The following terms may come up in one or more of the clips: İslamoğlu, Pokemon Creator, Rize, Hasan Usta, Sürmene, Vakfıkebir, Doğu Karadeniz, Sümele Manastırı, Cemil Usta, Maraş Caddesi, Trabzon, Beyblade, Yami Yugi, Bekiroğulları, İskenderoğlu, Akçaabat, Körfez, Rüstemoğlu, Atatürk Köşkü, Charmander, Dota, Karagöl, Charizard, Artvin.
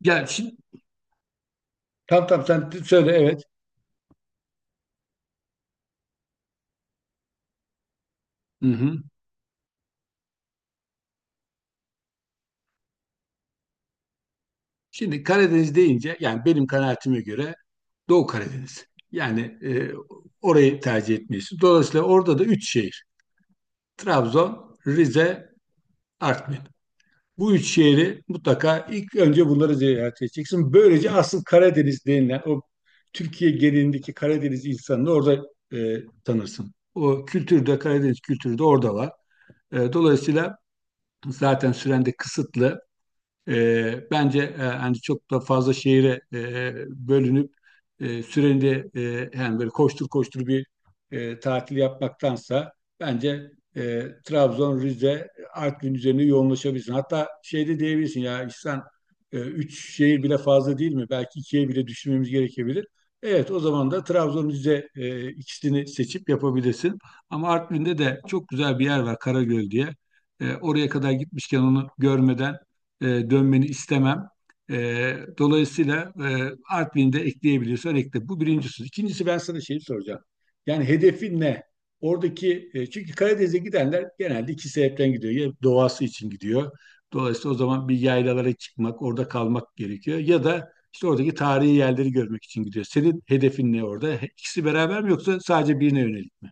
Ya şimdi tamam, tamam, sen söyle, evet. Hı hı. Şimdi Karadeniz deyince yani benim kanaatime göre Doğu Karadeniz. Yani e, orayı tercih etmeyiz. Dolayısıyla orada da üç şehir. Trabzon, Rize, Artvin. Bu üç şehri mutlaka ilk önce bunları ziyaret edeceksin. Böylece asıl Karadeniz denilen o Türkiye genelindeki Karadeniz insanını orada tanırsın. O kültürde Karadeniz kültürü de orada var. Dolayısıyla zaten süren de kısıtlı. Bence hani çok da fazla şehire bölünüp süreni de yani böyle koştur koştur bir tatil yapmaktansa bence Trabzon, Rize, Artvin üzerine yoğunlaşabilirsin. Hatta şey de diyebilirsin: ya İhsan, üç şehir bile fazla değil mi? Belki ikiye bile düşünmemiz gerekebilir. Evet, o zaman da Trabzon, Rize, ikisini seçip yapabilirsin. Ama Artvin'de de çok güzel bir yer var, Karagöl diye. Oraya kadar gitmişken onu görmeden dönmeni istemem. Dolayısıyla Artvin'i de ekleyebiliyorsan ekle. Bu birincisi. İkincisi ben sana şeyi soracağım. Yani hedefin ne? Çünkü Karadeniz'e gidenler genelde iki sebepten gidiyor. Ya doğası için gidiyor. Dolayısıyla o zaman bir yaylalara çıkmak, orada kalmak gerekiyor. Ya da işte oradaki tarihi yerleri görmek için gidiyor. Senin hedefin ne orada? İkisi beraber mi yoksa sadece birine yönelik mi?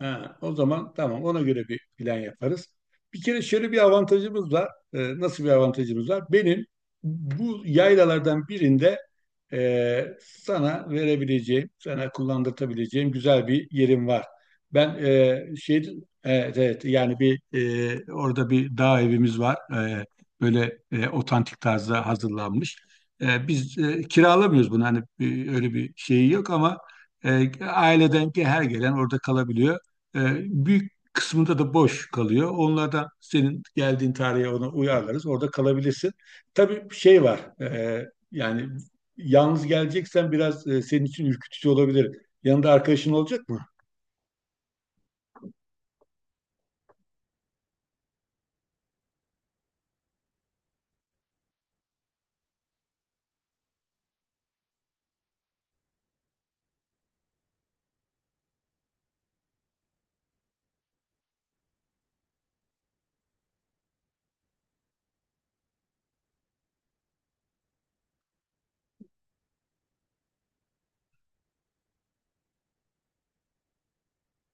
Ha, o zaman tamam, ona göre bir plan yaparız. Bir kere şöyle bir avantajımız var. Nasıl bir avantajımız var? Benim bu yaylalardan birinde sana verebileceğim, sana kullandırtabileceğim güzel bir yerim var. Ben e, şey, evet, evet, orada bir dağ evimiz var. Böyle otantik tarzda hazırlanmış. Kiralamıyoruz bunu, öyle bir şeyi yok ama aileden ki her gelen orada kalabiliyor. Ee, büyük kısmında da boş kalıyor. Onlardan senin geldiğin tarihe ona uyarlarız. Orada kalabilirsin. Tabii şey var. Yani yalnız geleceksen biraz senin için ürkütücü olabilir. Yanında arkadaşın olacak mı?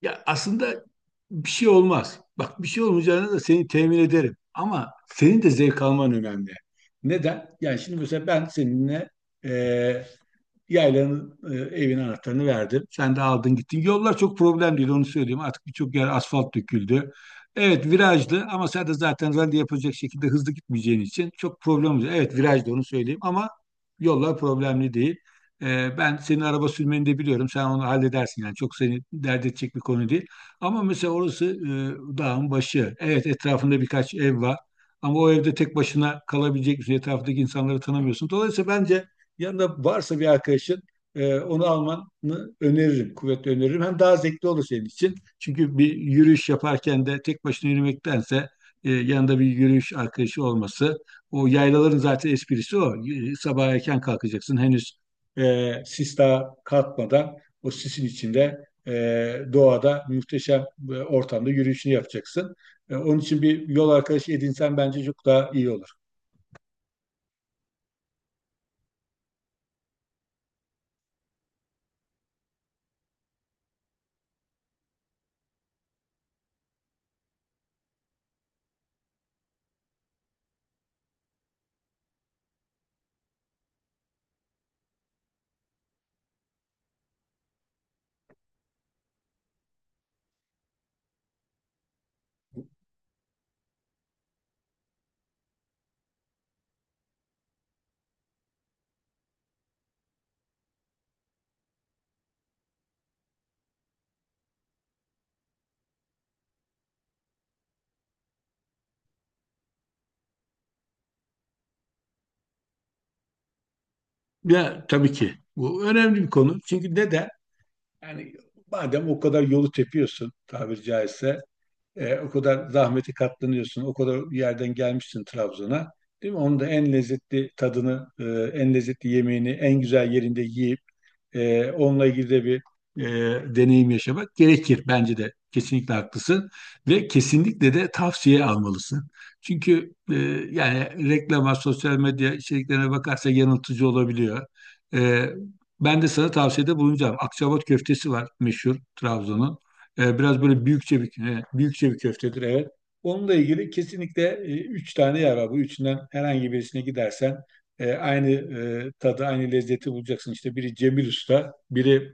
Ya aslında bir şey olmaz. Bak, bir şey olmayacağını da seni temin ederim. Ama senin de zevk alman önemli. Neden? Yani şimdi mesela ben seninle e, yaylanın, evin anahtarını verdim. Sen de aldın gittin. Yollar çok problem değil, onu söyleyeyim. Artık birçok yer asfalt döküldü. Evet, virajlı ama sen de zaten rally yapacak şekilde hızlı gitmeyeceğin için çok problem olacak. Evet, virajlı, onu söyleyeyim ama yollar problemli değil. Ben senin araba sürmeni de biliyorum. Sen onu halledersin yani. Çok seni dert edecek bir konu değil. Ama mesela orası dağın başı. Evet, etrafında birkaç ev var. Ama o evde tek başına kalabilecek bir şey. Etrafındaki insanları tanımıyorsun. Dolayısıyla bence yanında varsa bir arkadaşın, onu almanı öneririm, kuvvetle öneririm. Hem daha zevkli olur senin için. Çünkü bir yürüyüş yaparken de tek başına yürümektense yanında bir yürüyüş arkadaşı olması. O yaylaların zaten esprisi o. Sabah erken kalkacaksın. Henüz sis daha kalkmadan o sisin içinde, doğada muhteşem ortamda yürüyüşünü yapacaksın. Onun için bir yol arkadaşı edinsen bence çok daha iyi olur. Ya tabii ki. Bu önemli bir konu. Çünkü neden? Yani madem o kadar yolu tepiyorsun, tabiri caizse, o kadar zahmeti katlanıyorsun, o kadar yerden gelmişsin Trabzon'a, değil mi? Onun da en lezzetli tadını, en lezzetli yemeğini, en güzel yerinde yiyip onunla ilgili de bir e, deneyim yaşamak gerekir. Bence de kesinlikle haklısın ve kesinlikle de tavsiye almalısın. Çünkü yani reklama, sosyal medya içeriklerine bakarsa yanıltıcı olabiliyor. E, ben de sana tavsiyede bulunacağım. Akçaabat köftesi var, meşhur Trabzon'un. Biraz böyle büyükçe bir, büyükçe bir köftedir evet. Onunla ilgili kesinlikle üç tane yer var. Bu üçünden herhangi birisine gidersen aynı tadı, aynı lezzeti bulacaksın. İşte biri Cemil Usta, biri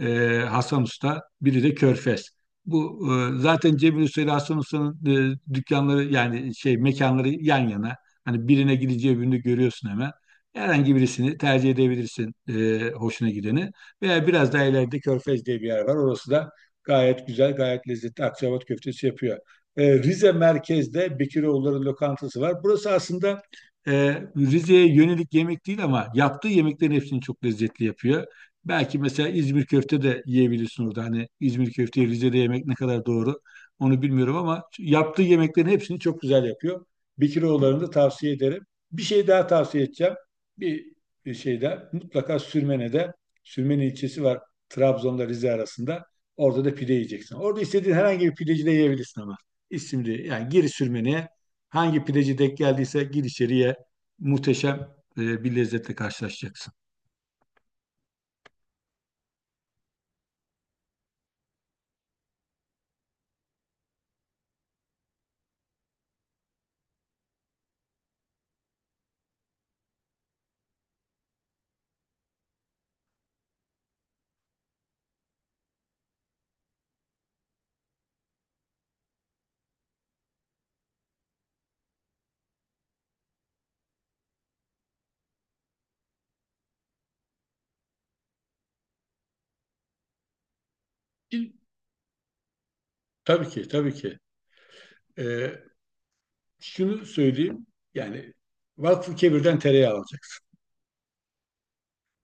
e, Hasan Usta, biri de Körfez. Bu zaten Cemil Usta ile Hasan Usta'nın dükkanları, yani şey, mekanları yan yana. Hani birine gideceği birini görüyorsun hemen. Herhangi birisini tercih edebilirsin, hoşuna gideni. Veya biraz daha ileride Körfez diye bir yer var. Orası da gayet güzel, gayet lezzetli akçaabat köftesi yapıyor. Rize merkezde Bekiroğulları lokantası var. Burası aslında e, Rize'ye yönelik yemek değil ama yaptığı yemeklerin hepsini çok lezzetli yapıyor. Belki mesela İzmir köfte de yiyebilirsin orada. Hani İzmir köfteyi Rize'de yemek ne kadar doğru onu bilmiyorum ama yaptığı yemeklerin hepsini çok güzel yapıyor. Bekiroğulları'nı da tavsiye ederim. Bir şey daha tavsiye edeceğim. Bir, bir şey daha: mutlaka Sürmene'de, Sürmene ilçesi var Trabzon'da Rize arasında. Orada da pide yiyeceksin. Orada istediğin herhangi bir pideci de yiyebilirsin ama. İsimli yani, gir Sürmene'ye, hangi pideci denk geldiyse gir içeriye, muhteşem bir lezzetle karşılaşacaksın. Tabii ki, tabii ki. Ee, şunu söyleyeyim. Yani Vakfıkebir'den tereyağı alacaksın.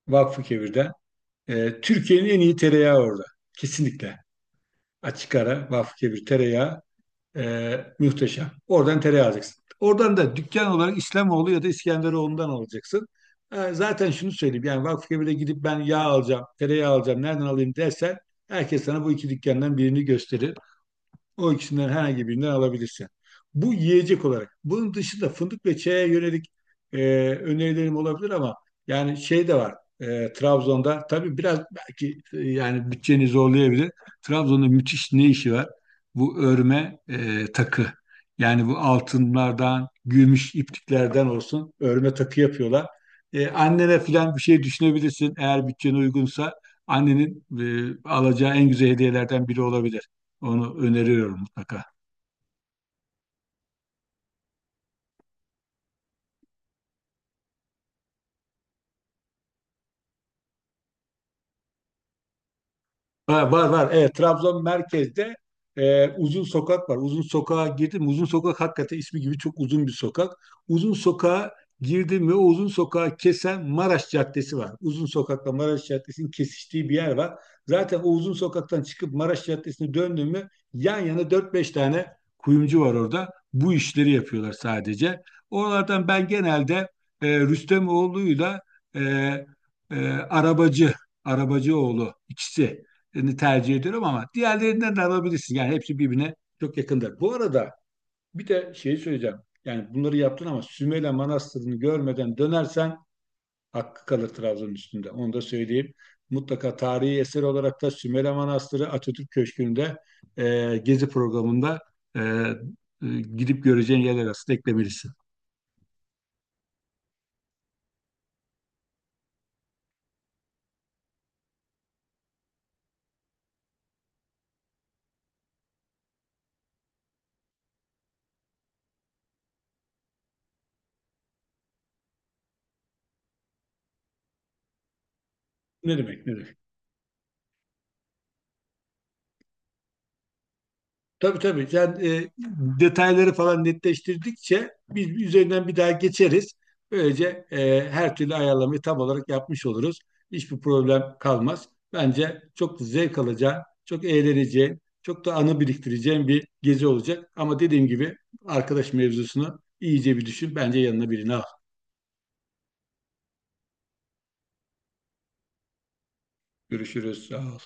Vakfıkebir'den. Türkiye'nin en iyi tereyağı orada. Kesinlikle. Açık ara Vakfıkebir tereyağı muhteşem. Oradan tereyağı alacaksın. Oradan da dükkan olarak İslamoğlu ya da İskenderoğlu'ndan alacaksın. Zaten şunu söyleyeyim. Yani Vakfıkebir'e gidip ben yağ alacağım, tereyağı alacağım, nereden alayım dersen, herkes sana bu iki dükkandan birini gösterir. O ikisinden herhangi birinden alabilirsin. Bu yiyecek olarak. Bunun dışında fındık ve çaya yönelik e, önerilerim olabilir ama yani şey de var. Trabzon'da tabii biraz belki yani bütçeni zorlayabilir. Trabzon'da müthiş ne işi var? Bu örme takı. Yani bu altınlardan, gümüş ipliklerden olsun örme takı yapıyorlar. Annene falan bir şey düşünebilirsin eğer bütçene uygunsa. Annenin alacağı en güzel hediyelerden biri olabilir. Onu öneriyorum mutlaka. Ha, var var. Evet, Trabzon merkezde uzun sokak var. Uzun sokağa girdim. Uzun sokak hakikaten ismi gibi çok uzun bir sokak. Uzun sokağa girdim ve o uzun sokağı kesen Maraş Caddesi var. Uzun sokakla Maraş Caddesi'nin kesiştiği bir yer var. Zaten o uzun sokaktan çıkıp Maraş Caddesi'ne döndüm mü yan yana dört beş tane kuyumcu var orada. Bu işleri yapıyorlar sadece. Oralardan ben genelde Rüstemoğlu'yla e, e, Arabacı, Arabacıoğlu, ikisi tercih ediyorum ama diğerlerinden de alabilirsin. Yani hepsi birbirine çok yakındır. Bu arada bir de şeyi söyleyeceğim. Yani bunları yaptın ama Sümele Manastırı'nı görmeden dönersen hakkı kalır Trabzon'un üstünde. Onu da söyleyeyim. Mutlaka tarihi eser olarak da Sümele Manastırı, Atatürk Köşkü'nde gezi programında, e, e, gidip göreceğin yerler arasında eklemelisin. Ne demek, ne demek. Tabii, tabii. Detayları falan netleştirdikçe biz üzerinden bir daha geçeriz. Böylece her türlü ayarlamayı tam olarak yapmış oluruz. Hiçbir problem kalmaz. Bence çok zevk alacağın, çok eğleneceğin, çok da anı biriktireceğin bir gezi olacak. Ama dediğim gibi arkadaş mevzusunu iyice bir düşün. Bence yanına birini al. Görüşürüz. Sağ ol.